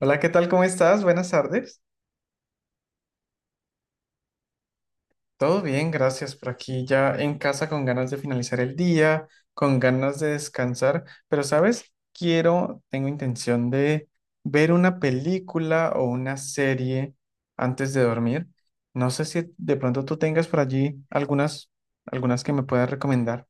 Hola, ¿qué tal? ¿Cómo estás? Buenas tardes. Todo bien, gracias. Por aquí, ya en casa con ganas de finalizar el día, con ganas de descansar, pero sabes, quiero, tengo intención de ver una película o una serie antes de dormir. No sé si de pronto tú tengas por allí algunas que me puedas recomendar.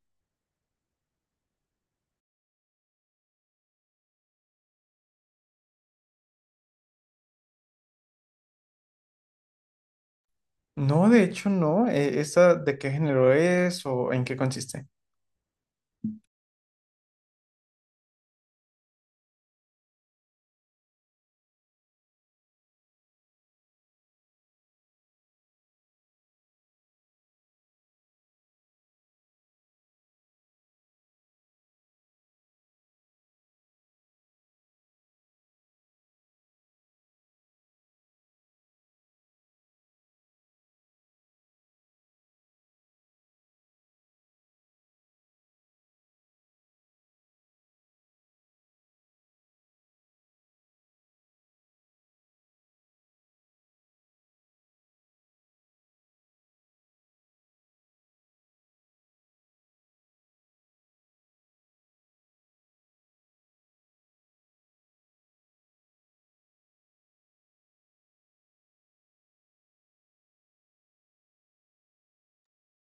No, de hecho no. ¿Esta de qué género es o en qué consiste?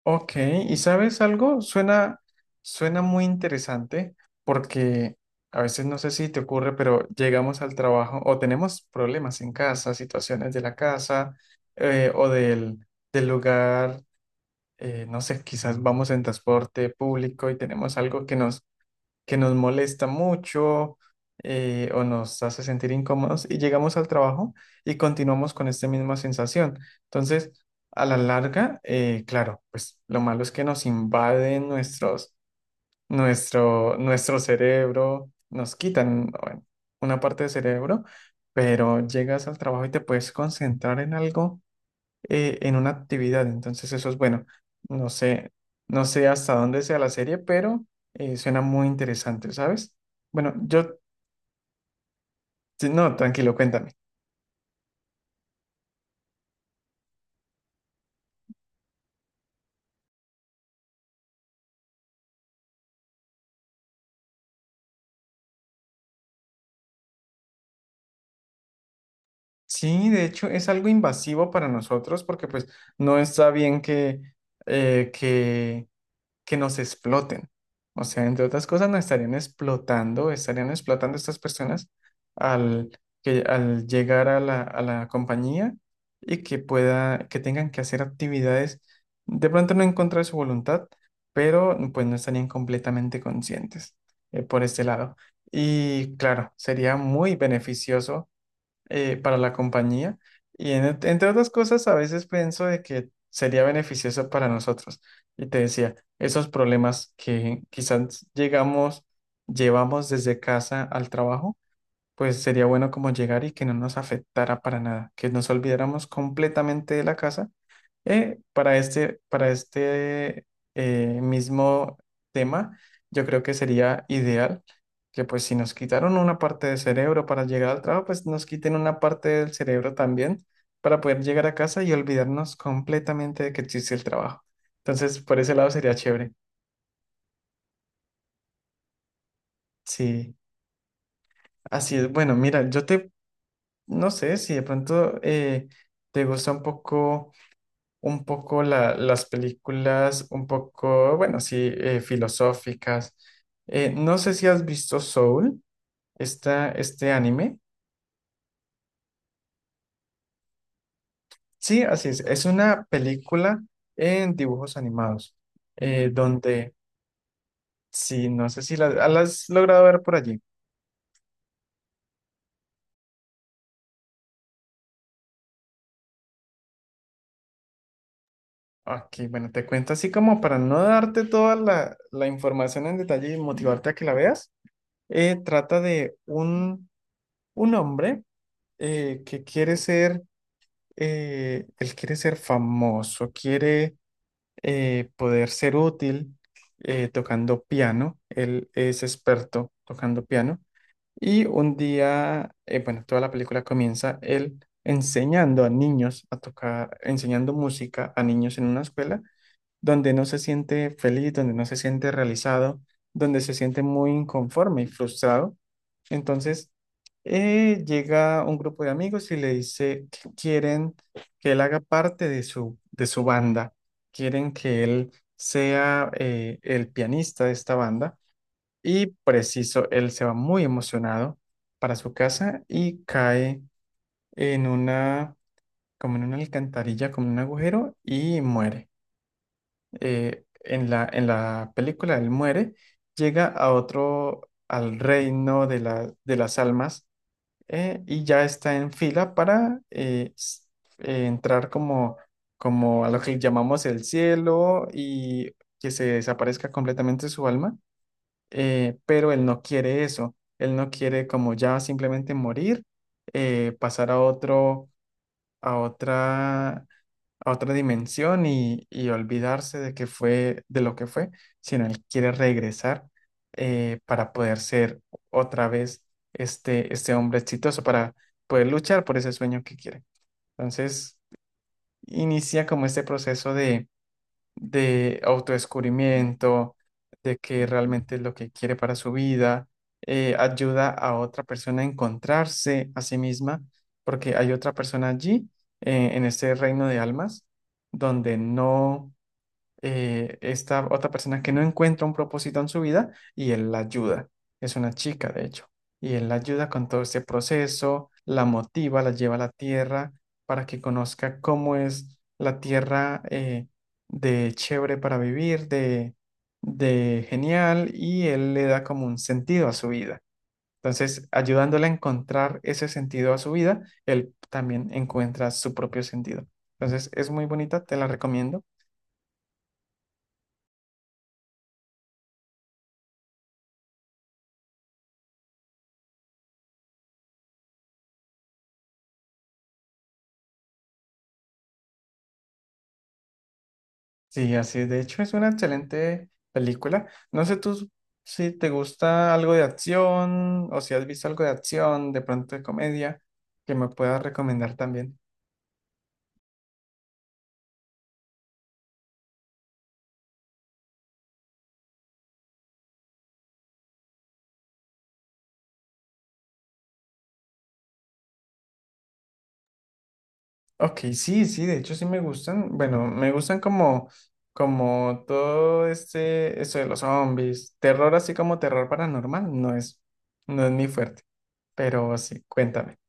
Ok, ¿y sabes algo? Suena muy interesante porque a veces no sé si te ocurre, pero llegamos al trabajo o tenemos problemas en casa, situaciones de la casa, o del lugar, no sé, quizás vamos en transporte público y tenemos algo que nos molesta mucho, o nos hace sentir incómodos, y llegamos al trabajo y continuamos con esta misma sensación. Entonces, a la larga, claro, pues lo malo es que nos invaden nuestro cerebro, nos quitan, bueno, una parte del cerebro, pero llegas al trabajo y te puedes concentrar en algo, en una actividad. Entonces eso es bueno. No sé, no sé hasta dónde sea la serie, pero suena muy interesante, ¿sabes? Bueno, yo, sí, no, tranquilo, cuéntame. Sí, de hecho es algo invasivo para nosotros porque pues no está bien eh, que que nos exploten. O sea, entre otras cosas, nos estarían explotando estas personas al, que, al llegar a a la compañía, y que pueda, que tengan que hacer actividades de pronto no en contra de su voluntad, pero pues no estarían completamente conscientes por este lado. Y claro, sería muy beneficioso para la compañía. Y entre otras cosas, a veces pienso de que sería beneficioso para nosotros. Y te decía, esos problemas que quizás llegamos, llevamos desde casa al trabajo, pues sería bueno como llegar y que no nos afectara para nada, que nos olvidáramos completamente de la casa, para este mismo tema, yo creo que sería ideal que, pues, si nos quitaron una parte del cerebro para llegar al trabajo, pues nos quiten una parte del cerebro también para poder llegar a casa y olvidarnos completamente de que existe el trabajo. Entonces, por ese lado sería chévere. Sí, así es. Bueno, mira, yo te, no sé si de pronto te gusta un poco las películas, un poco, bueno, sí, filosóficas. No sé si has visto Soul, esta, este anime. Sí, así es. Es una película en dibujos animados, donde, sí, no sé si la, ah, la has logrado ver por allí. Ok, bueno, te cuento así como para no darte toda la información en detalle y motivarte a que la veas. Trata de un hombre que quiere ser, él quiere ser famoso, quiere poder ser útil tocando piano. Él es experto tocando piano. Y un día, bueno, toda la película comienza él enseñando a niños a tocar, enseñando música a niños en una escuela donde no se siente feliz, donde no se siente realizado, donde se siente muy inconforme y frustrado. Entonces, llega un grupo de amigos y le dice que quieren que él haga parte de de su banda, quieren que él sea, el pianista de esta banda, y preciso, él se va muy emocionado para su casa y cae en una, como en una alcantarilla, como en un agujero, y muere. En en la película él muere, llega a otro, al reino de de las almas, y ya está en fila para entrar como, como a lo que llamamos el cielo, y que se desaparezca completamente su alma. Pero él no quiere eso, él no quiere como ya simplemente morir, pasar a otro, a otra, a otra dimensión, y olvidarse de que fue, de lo que fue, sino él quiere regresar para poder ser otra vez este hombre exitoso, para poder luchar por ese sueño que quiere. Entonces, inicia como este proceso de autodescubrimiento, de que realmente es lo que quiere para su vida. Ayuda a otra persona a encontrarse a sí misma, porque hay otra persona allí, en este reino de almas, donde no, esta otra persona que no encuentra un propósito en su vida, y él la ayuda. Es una chica, de hecho. Y él la ayuda con todo este proceso, la motiva, la lleva a la tierra para que conozca cómo es la tierra, de chévere para vivir, de genial, y él le da como un sentido a su vida. Entonces, ayudándole a encontrar ese sentido a su vida, él también encuentra su propio sentido. Entonces, es muy bonita, te la recomiendo. Sí, así es. De hecho, es una excelente película. No sé tú si te gusta algo de acción o si has visto algo de acción, de pronto de comedia, que me puedas recomendar también. Ok, sí, sí, de hecho sí me gustan. Bueno, me gustan como, como todo este, eso de los zombies. Terror así como terror paranormal, no es, no es mi fuerte. Pero sí, cuéntame.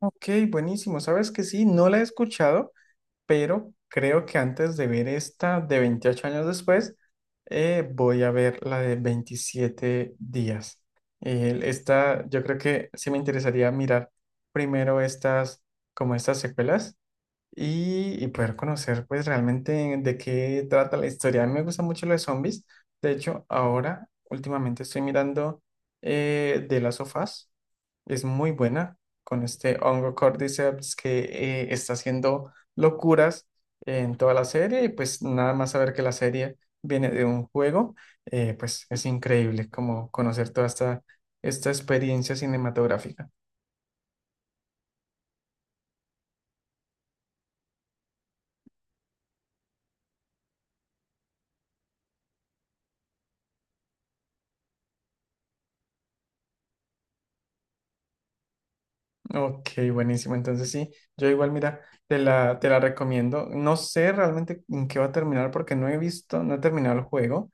Ok, buenísimo. ¿Sabes que sí? No la he escuchado, pero creo que antes de ver esta de 28 años después, voy a ver la de 27 días. Esta, yo creo que sí me interesaría mirar primero estas, como estas secuelas, y poder conocer pues realmente de qué trata la historia. A mí me gusta mucho lo de zombies. De hecho, ahora últimamente estoy mirando, de las sofás. Es muy buena, con este hongo Cordyceps que, está haciendo locuras en toda la serie, y pues nada más saber que la serie viene de un juego, pues es increíble como conocer toda esta, esta experiencia cinematográfica. Ok, buenísimo. Entonces sí, yo igual, mira, te la recomiendo. No sé realmente en qué va a terminar porque no he visto, no he terminado el juego,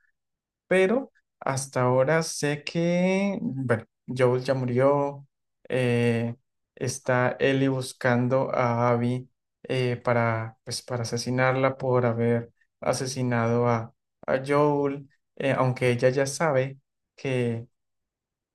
pero hasta ahora sé que, bueno, Joel ya murió. eh, Está Ellie buscando a Abby, para, pues, para asesinarla por haber asesinado a Joel. Aunque ella ya sabe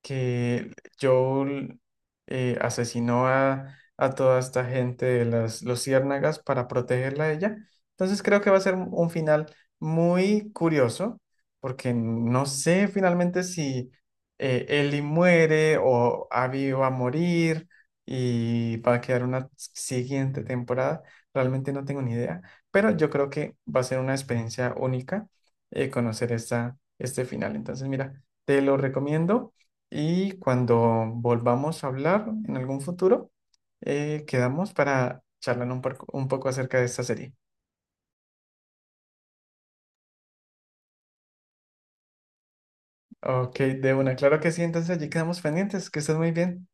que Joel asesinó a toda esta gente de las luciérnagas para protegerla a ella. Entonces creo que va a ser un final muy curioso, porque no sé finalmente si, Ellie muere o Abby va a morir, y va a quedar una siguiente temporada. Realmente no tengo ni idea, pero yo creo que va a ser una experiencia única, conocer esta, este final. Entonces, mira, te lo recomiendo. Y cuando volvamos a hablar en algún futuro, quedamos para charlar un, un poco acerca de esta serie. Ok, de una, claro que sí, entonces allí quedamos pendientes, que estés muy bien.